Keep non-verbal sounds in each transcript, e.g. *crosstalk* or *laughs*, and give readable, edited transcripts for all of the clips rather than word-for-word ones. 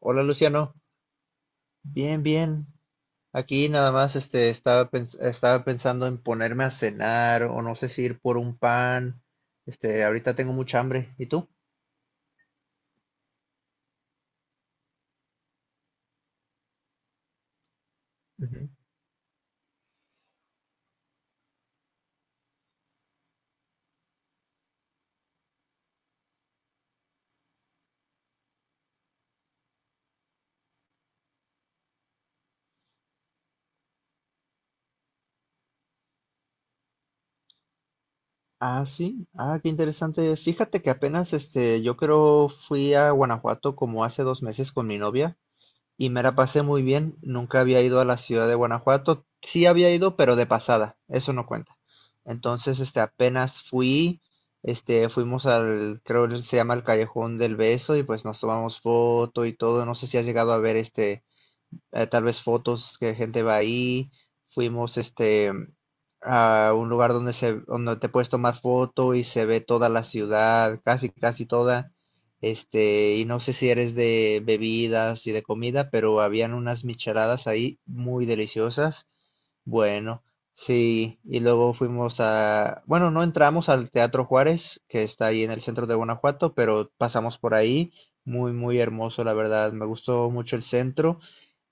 Hola Luciano, bien, bien. Aquí nada más estaba pensando en ponerme a cenar o no sé si ir por un pan. Ahorita tengo mucha hambre. ¿Y tú? Ujú. Ah, sí. Ah, qué interesante. Fíjate que apenas yo creo fui a Guanajuato como hace 2 meses con mi novia. Y me la pasé muy bien. Nunca había ido a la ciudad de Guanajuato. Sí había ido, pero de pasada. Eso no cuenta. Entonces, apenas fui, fuimos al, creo que se llama el Callejón del Beso y pues nos tomamos foto y todo. No sé si has llegado a ver tal vez fotos que gente va ahí. Fuimos a un lugar donde te puedes tomar foto y se ve toda la ciudad, casi casi toda. Y no sé si eres de bebidas y de comida, pero habían unas micheladas ahí muy deliciosas. Bueno, sí, y luego fuimos a, bueno, no entramos al Teatro Juárez, que está ahí en el centro de Guanajuato, pero pasamos por ahí, muy, muy hermoso, la verdad, me gustó mucho el centro.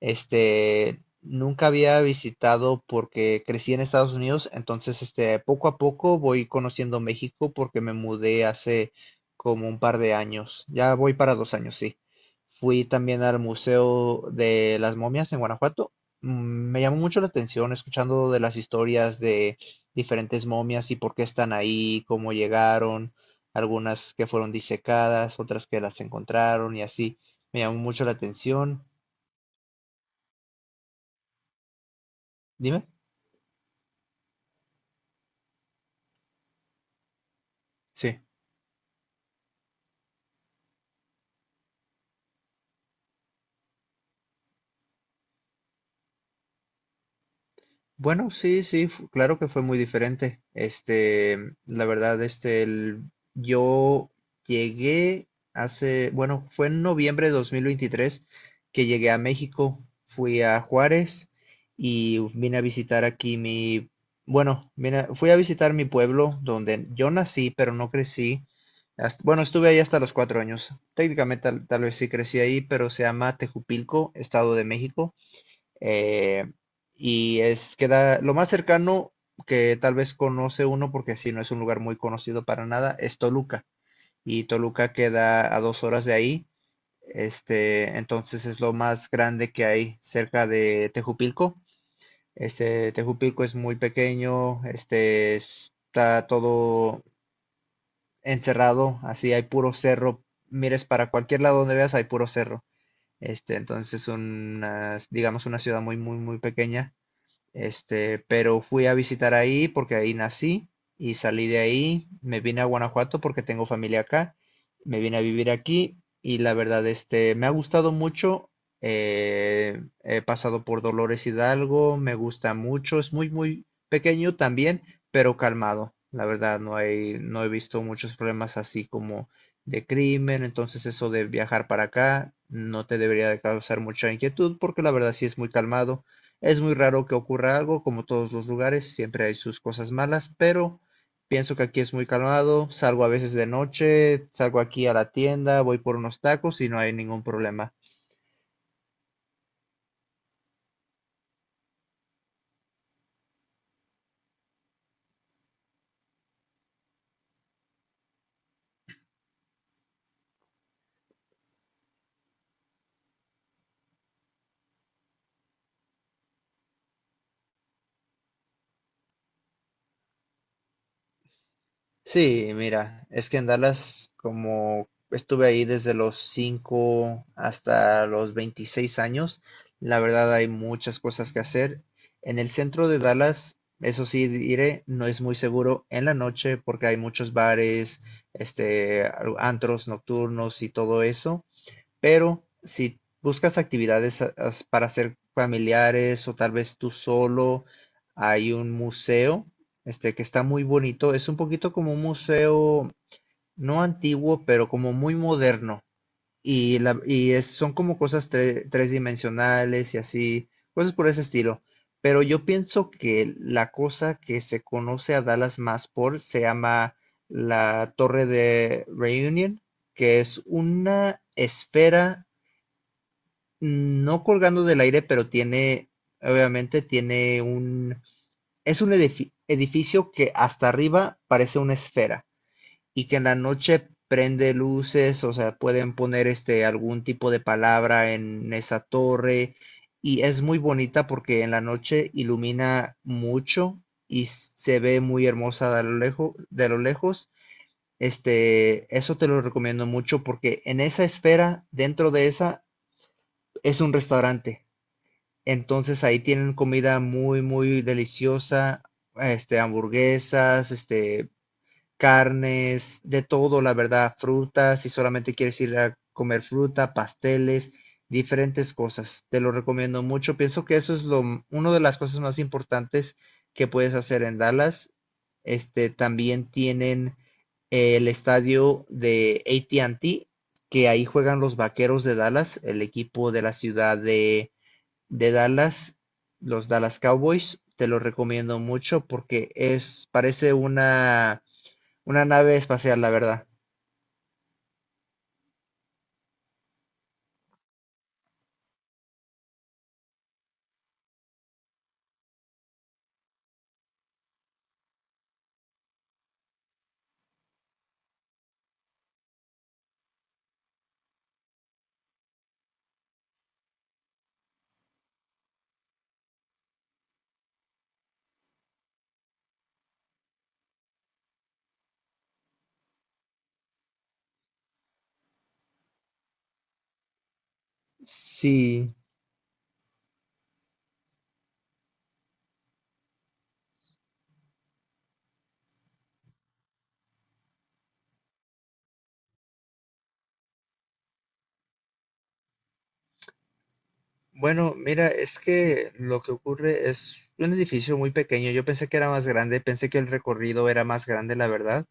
Nunca había visitado porque crecí en Estados Unidos, entonces, poco a poco voy conociendo México porque me mudé hace como un par de años, ya voy para 2 años, sí. Fui también al Museo de las Momias en Guanajuato. Me llamó mucho la atención escuchando de las historias de diferentes momias y por qué están ahí, cómo llegaron, algunas que fueron disecadas, otras que las encontraron y así. Me llamó mucho la atención. Dime. Sí. Bueno, sí, sí, claro que fue muy diferente. La verdad, yo llegué hace, bueno, fue en noviembre de 2023 que llegué a México, fui a Juárez y vine a visitar aquí mi, bueno, fui a visitar mi pueblo donde yo nací, pero no crecí. Bueno, estuve ahí hasta los 4 años. Técnicamente tal vez sí crecí ahí, pero se llama Tejupilco, Estado de México. Eh, y es queda lo más cercano que tal vez conoce uno, porque si no es un lugar muy conocido para nada, es Toluca. Y Toluca queda a 2 horas de ahí. Entonces es lo más grande que hay cerca de Tejupilco. Tejupilco es muy pequeño, está todo encerrado, así hay puro cerro. Mires para cualquier lado donde veas, hay puro cerro. Entonces es una, digamos, una ciudad muy, muy, muy pequeña, pero fui a visitar ahí porque ahí nací y salí de ahí, me vine a Guanajuato porque tengo familia acá, me vine a vivir aquí y la verdad, me ha gustado mucho. He pasado por Dolores Hidalgo, me gusta mucho, es muy, muy pequeño también, pero calmado. La verdad, no hay, no he visto muchos problemas así como de crimen, entonces eso de viajar para acá no te debería de causar mucha inquietud porque la verdad sí es muy calmado. Es muy raro que ocurra algo, como todos los lugares, siempre hay sus cosas malas, pero pienso que aquí es muy calmado. Salgo a veces de noche, salgo aquí a la tienda, voy por unos tacos y no hay ningún problema. Sí, mira, es que en Dallas, como estuve ahí desde los 5 hasta los 26 años, la verdad hay muchas cosas que hacer. En el centro de Dallas, eso sí diré, no es muy seguro en la noche porque hay muchos bares, antros nocturnos y todo eso. Pero si buscas actividades para hacer familiares o tal vez tú solo, hay un museo que está muy bonito. Es un poquito como un museo, no antiguo, pero como muy moderno. Y son como cosas tres dimensionales y así, cosas por ese estilo. Pero yo pienso que la cosa que se conoce a Dallas más por se llama la Torre de Reunion, que es una esfera, no colgando del aire, pero tiene, obviamente tiene un, es un edificio que hasta arriba parece una esfera y que en la noche prende luces, o sea, pueden poner algún tipo de palabra en esa torre y es muy bonita porque en la noche ilumina mucho y se ve muy hermosa de lo lejos, de lo lejos. Eso te lo recomiendo mucho porque en esa esfera, dentro de esa, es un restaurante, entonces ahí tienen comida muy, muy deliciosa, hamburguesas, carnes, de todo, la verdad, frutas, si solamente quieres ir a comer fruta, pasteles, diferentes cosas. Te lo recomiendo mucho. Pienso que eso es una de las cosas más importantes que puedes hacer en Dallas. También tienen el estadio de AT&T, que ahí juegan los Vaqueros de Dallas, el equipo de la ciudad de Dallas, los Dallas Cowboys, te lo recomiendo mucho porque es, parece una nave espacial, la verdad. Sí. Bueno, mira, es que lo que ocurre es un edificio muy pequeño. Yo pensé que era más grande, pensé que el recorrido era más grande, la verdad.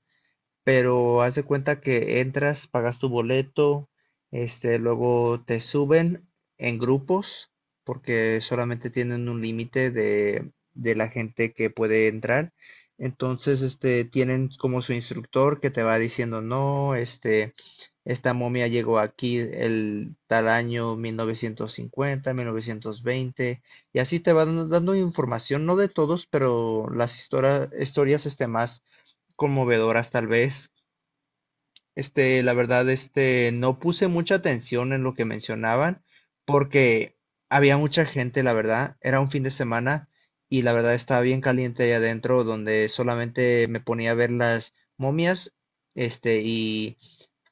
Pero haz de cuenta que entras, pagas tu boleto, luego te suben en grupos, porque solamente tienen un límite de la gente que puede entrar. Entonces, tienen como su instructor que te va diciendo, no, esta momia llegó aquí el tal año 1950, 1920, y así te van dando información, no de todos, pero las historias, más conmovedoras tal vez. La verdad, no puse mucha atención en lo que mencionaban porque había mucha gente, la verdad. Era un fin de semana y la verdad estaba bien caliente ahí adentro donde solamente me ponía a ver las momias, y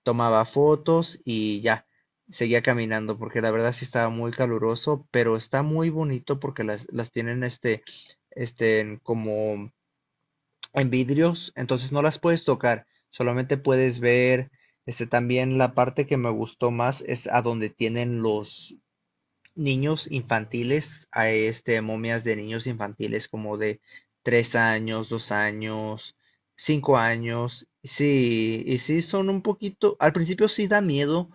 tomaba fotos y ya, seguía caminando porque la verdad sí estaba muy caluroso, pero está muy bonito porque las tienen, como en vidrios, entonces no las puedes tocar, solamente puedes ver. También la parte que me gustó más es a donde tienen los niños infantiles, a momias de niños infantiles como de 3 años, 2 años, 5 años. Sí, y sí son un poquito, al principio sí da miedo,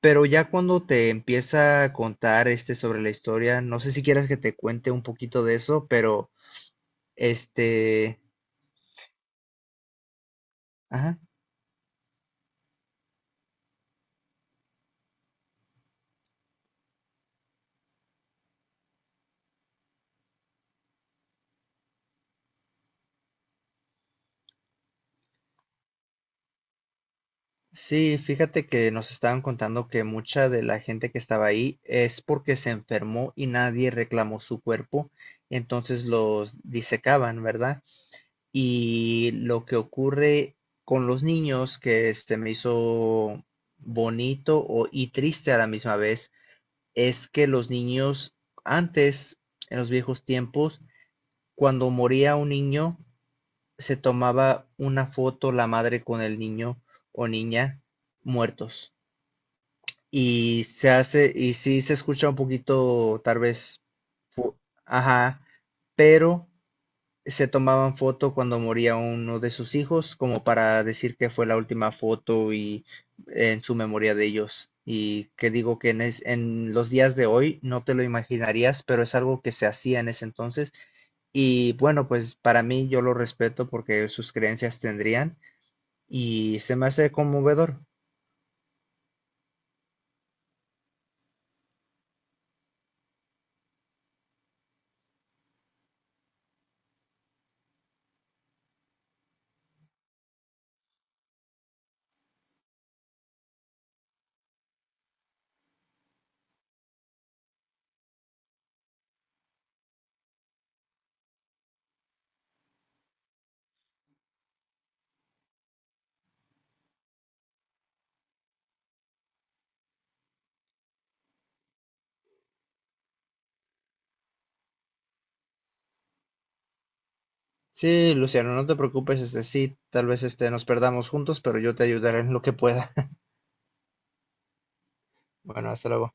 pero ya cuando te empieza a contar sobre la historia, no sé si quieras que te cuente un poquito de eso, pero este, ajá. Sí, fíjate que nos estaban contando que mucha de la gente que estaba ahí es porque se enfermó y nadie reclamó su cuerpo, entonces los disecaban, ¿verdad? Y lo que ocurre con los niños, que se me hizo bonito y triste a la misma vez, es que los niños antes, en los viejos tiempos, cuando moría un niño, se tomaba una foto la madre con el niño o niña muertos y se hace, y sí se escucha un poquito, tal vez, fu- ajá, pero se tomaban foto cuando moría uno de sus hijos, como para decir que fue la última foto y en su memoria de ellos. Y que digo que en los días de hoy no te lo imaginarías, pero es algo que se hacía en ese entonces. Y bueno, pues para mí yo lo respeto porque sus creencias tendrían y se me hace conmovedor. Sí, Luciano, no te preocupes, sí, tal vez nos perdamos juntos, pero yo te ayudaré en lo que pueda. *laughs* Bueno, hasta luego.